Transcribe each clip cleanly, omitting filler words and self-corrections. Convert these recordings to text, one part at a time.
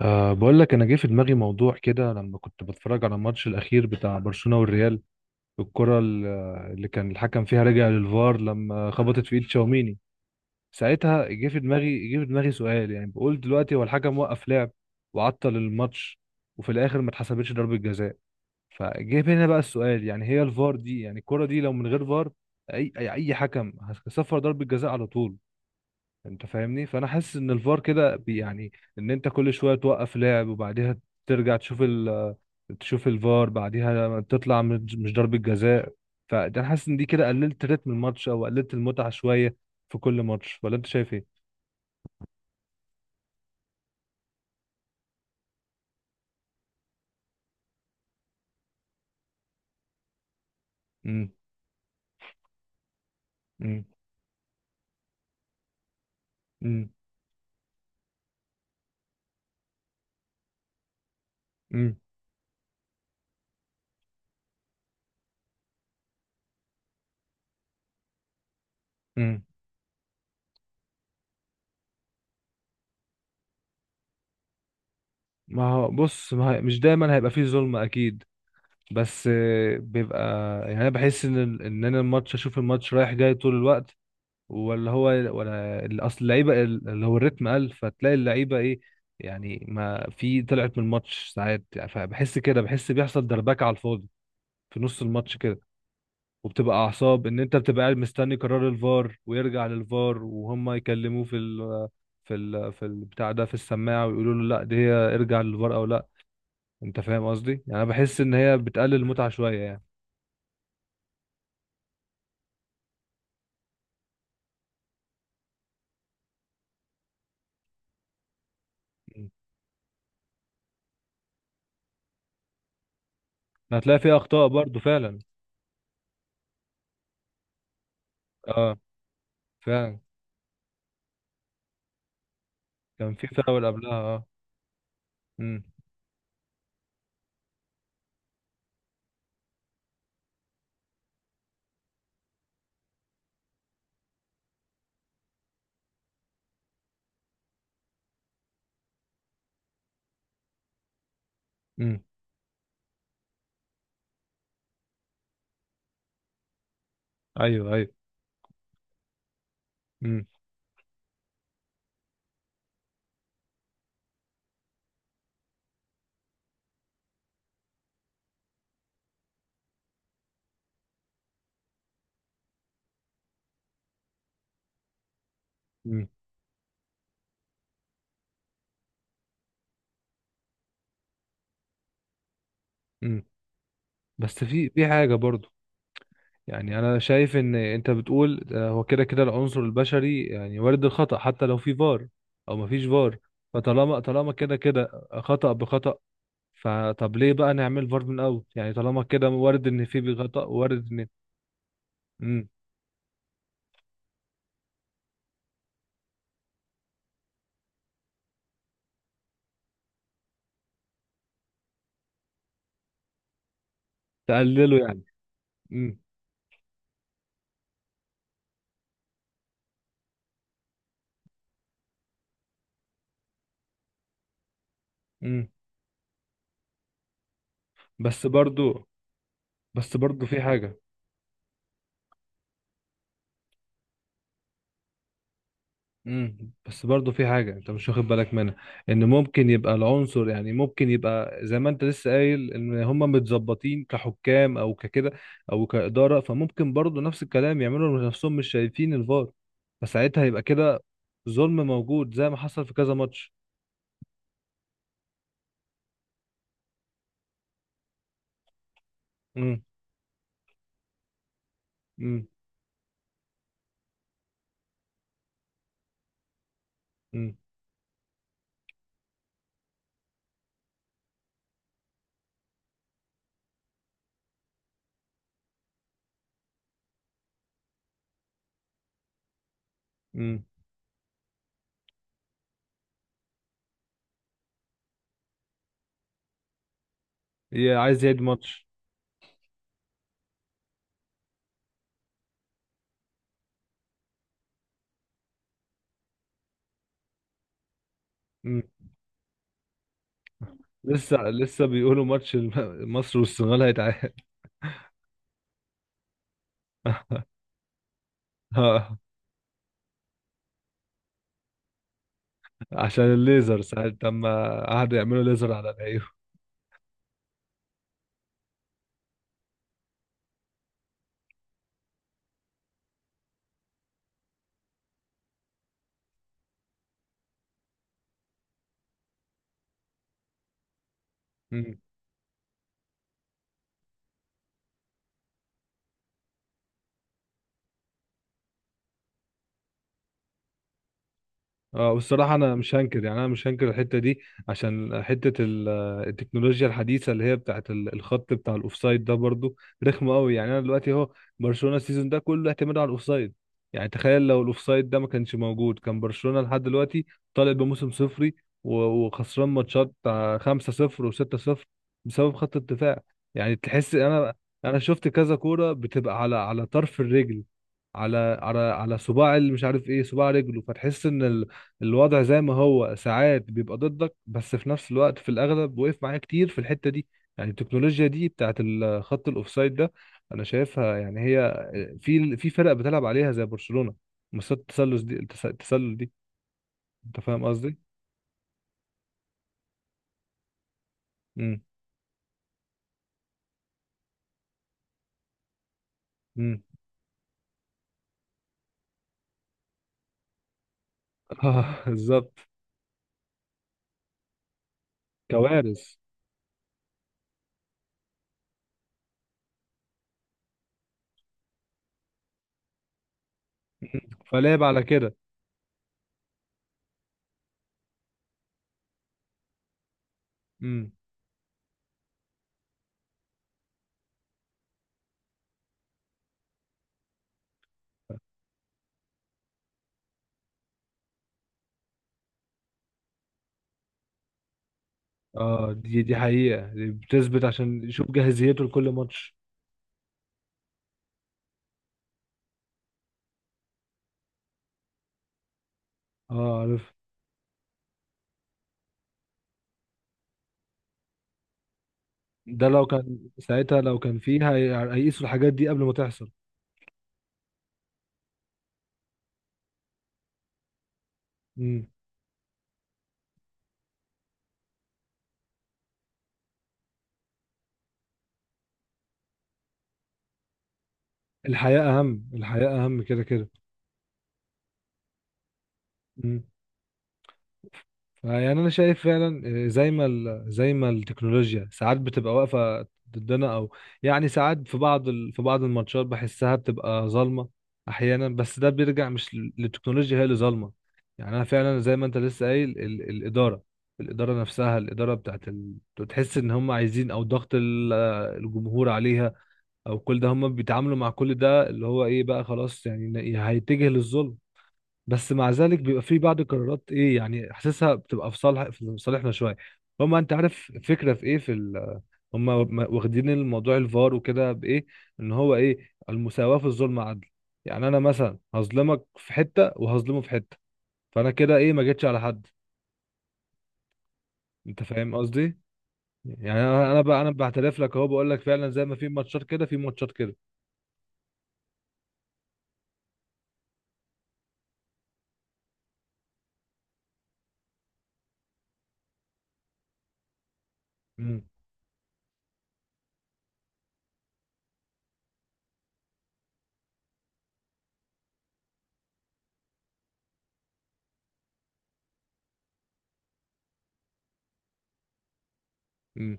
بقول لك انا جه في دماغي موضوع كده لما كنت بتفرج على الماتش الاخير بتاع برشلونة والريال. الكرة ال- اللي كان الحكم فيها رجع للفار لما خبطت في ايد تشاوميني. ساعتها جه في دماغي سؤال، يعني بقول دلوقتي هو الحكم وقف لعب وعطل الماتش، وفي الاخر ما اتحسبتش ضربة جزاء. فجه هنا بقى السؤال، يعني هي الفار دي، يعني الكرة دي لو من غير فار، اي اي أي حكم هيصفر ضربة جزاء على طول. انت فاهمني؟ فانا حاسس ان الفار كده يعني ان انت كل شويه توقف لعب وبعديها ترجع تشوف تشوف الفار، بعديها تطلع مش ضربه جزاء. فانا حاسس ان دي كده قللت رتم الماتش او قللت المتعه شويه في كل ماتش، ولا انت شايف ايه؟ امم. امم. امم. امم. امم. ما هو بص، ما هي- مش دايما هيبقى فيه ظلم اكيد، بس بيبقى. يعني انا بحس ان انا اشوف الماتش رايح جاي طول الوقت، ولا هو، ولا اصل اللعيبه اللي هو الريتم قل، فتلاقي اللعيبه ايه، يعني ما في طلعت من الماتش ساعات، يعني فبحس كده بحس بيحصل دربكه على الفاضي في نص الماتش كده. وبتبقى اعصاب، ان انت بتبقى قاعد مستني قرار الفار، ويرجع للفار وهم يكلموه في البتاع ده في السماعه ويقولوا له لا دي هي، ارجع للفار او لا. انت فاهم قصدي؟ يعني انا بحس ان هي بتقلل المتعه شويه يعني. م. هتلاقي فيها اخطاء برضو فعلا. اه. فعلا. كان في فاول قبلها اه. امم. إمم. ايوه ايوه. امم. امم. امم. بس في حاجه برضو. يعني انا شايف ان انت بتقول هو كده كده العنصر البشري، يعني وارد الخطأ حتى لو في فار او ما فيش فار. فطالما كده كده خطأ بخطأ، فطب ليه بقى نعمل فار من الاول؟ يعني طالما كده وارد ان في خطأ وارد ان. امم. تقلله يعني. امم. امم. بس برضو بس برضو في حاجه. امم. بس برضه في حاجة انت مش واخد بالك منها، ان ممكن يبقى العنصر، يعني ممكن يبقى زي ما انت لسه قايل، ان هم متظبطين كحكام او ككده او كإدارة، فممكن برضه نفس الكلام يعملوا نفسهم مش شايفين الفار، فساعتها يبقى كده ظلم موجود زي ما حصل في كذا ماتش. امم. امم. امم. امم. هي عايز يعيد ماتش. امم. لسه بيقولوا ماتش مصر والسنغال هيتعاد. عشان الليزر ساعة لما قعدوا يعملوا ليزر على العيون. اه، والصراحة أنا مش هنكر الحتة دي. عشان حتة التكنولوجيا الحديثة اللي هي بتاعة الخط بتاع الأوفسايد ده برضو رخمة أوي. يعني أنا دلوقتي أهو، برشلونة السيزون ده كله اعتماد على الأوفسايد. يعني تخيل لو الأوفسايد ده ما كانش موجود، كان برشلونة لحد دلوقتي طالع بموسم صفري و- وخسران ماتشات بتاع 5-0 و6-0 بسبب خط الدفاع. يعني تحس أنا شفت كذا كورة بتبقى على طرف الرجل، على صباع اللي مش عارف ايه، صباع رجله. فتحس ان الوضع زي ما هو ساعات بيبقى ضدك، بس في نفس الوقت في الاغلب وقف معايا كتير في الحته دي. يعني التكنولوجيا دي بتاعت خط الاوفسايد ده، انا شايفها، يعني هي في فرق بتلعب عليها زي برشلونه، مسات التسلل دي، التسلل دي. انت فاهم قصدي؟ امم. امم. اه. بالظبط. كوارث. مم. فلعب على كده. امم. اه، دي حقيقه، دي بتثبت عشان يشوف جاهزيته لكل ماتش. اه عارف. ده لو كان ساعتها، لو كان فيه هيقيسوا الحاجات دي قبل ما تحصل. مم. الحياة أهم الحياة أهم كده كده. مم. فيعني أنا شايف فعلا، زي ما التكنولوجيا ساعات بتبقى واقفة ضدنا أو، يعني ساعات في بعض الماتشات بحسها بتبقى ظالمة أحيانا. بس ده بيرجع مش للتكنولوجيا هي اللي ظالمة. يعني أنا فعلا زي ما أنت لسه قايل الإدارة نفسها، الإدارة بتاعت تحس إن هم عايزين، أو ضغط الجمهور عليها، أو كل ده هم بيتعاملوا مع كل ده اللي هو إيه بقى، خلاص يعني هيتجه للظلم. بس مع ذلك بيبقى في بعض القرارات ايه، يعني حاسسها بتبقى في صالحنا شويه. هما انت عارف فكره في ايه هما واخدين الموضوع الفار وكده بايه، ان هو ايه المساواه في الظلم عدل. يعني انا مثلا هظلمك في حته وهظلمه في حته، فانا كده ايه، ما جيتش على حد. انت فاهم قصدي؟ يعني انا بقى انا بعترف لك اهو، بقول لك فعلا زي ما في ماتشات كده في ماتشات كده. امم. امم.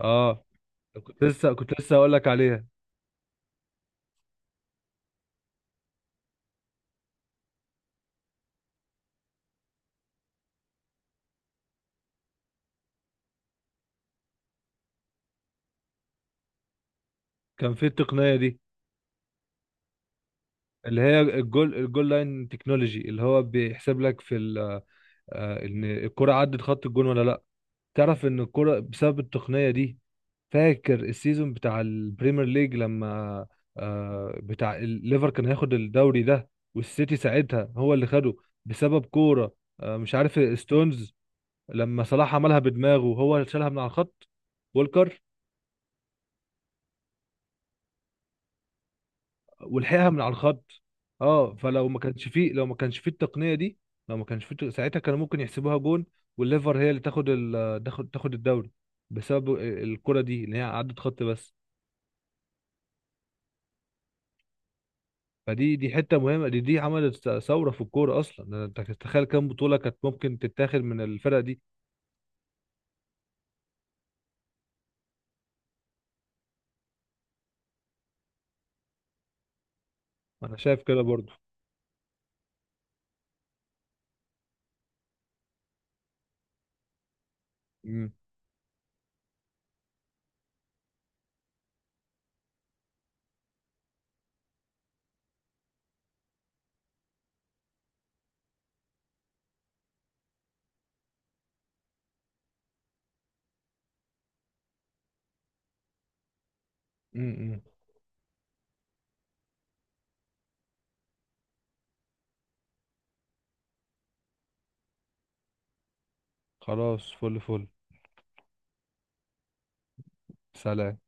اه، كنت لسه هقول لك عليها. كان في التقنيه دي اللي هي الجول لاين تكنولوجي، اللي هو بيحسب لك في ال- آه، ان الكرة عدت خط الجون ولا لا. تعرف ان الكرة بسبب التقنية دي، فاكر السيزون بتاع البريمير ليج لما بتاع الليفر كان هياخد الدوري ده والسيتي ساعتها هو اللي خده بسبب كورة، مش عارف ستونز، لما صلاح عملها بدماغه هو شالها من على الخط والكر ولحقها من على الخط. اه فلو ما كانش فيه، لو ما كانش فيه التقنيه دي، لو ما كانش فيه ساعتها كانوا ممكن يحسبوها جون والليفر هي اللي تاخد ال... تاخد تاخد الدوري بسبب الكره دي اللي هي عدت خط بس. فدي حته مهمه، دي عملت ثوره في الكوره اصلا. انت تتخيل كام بطوله كانت ممكن تتاخد من الفرق دي؟ انا شايف كده برضو. امم. امم. خلاص فل فل. سلام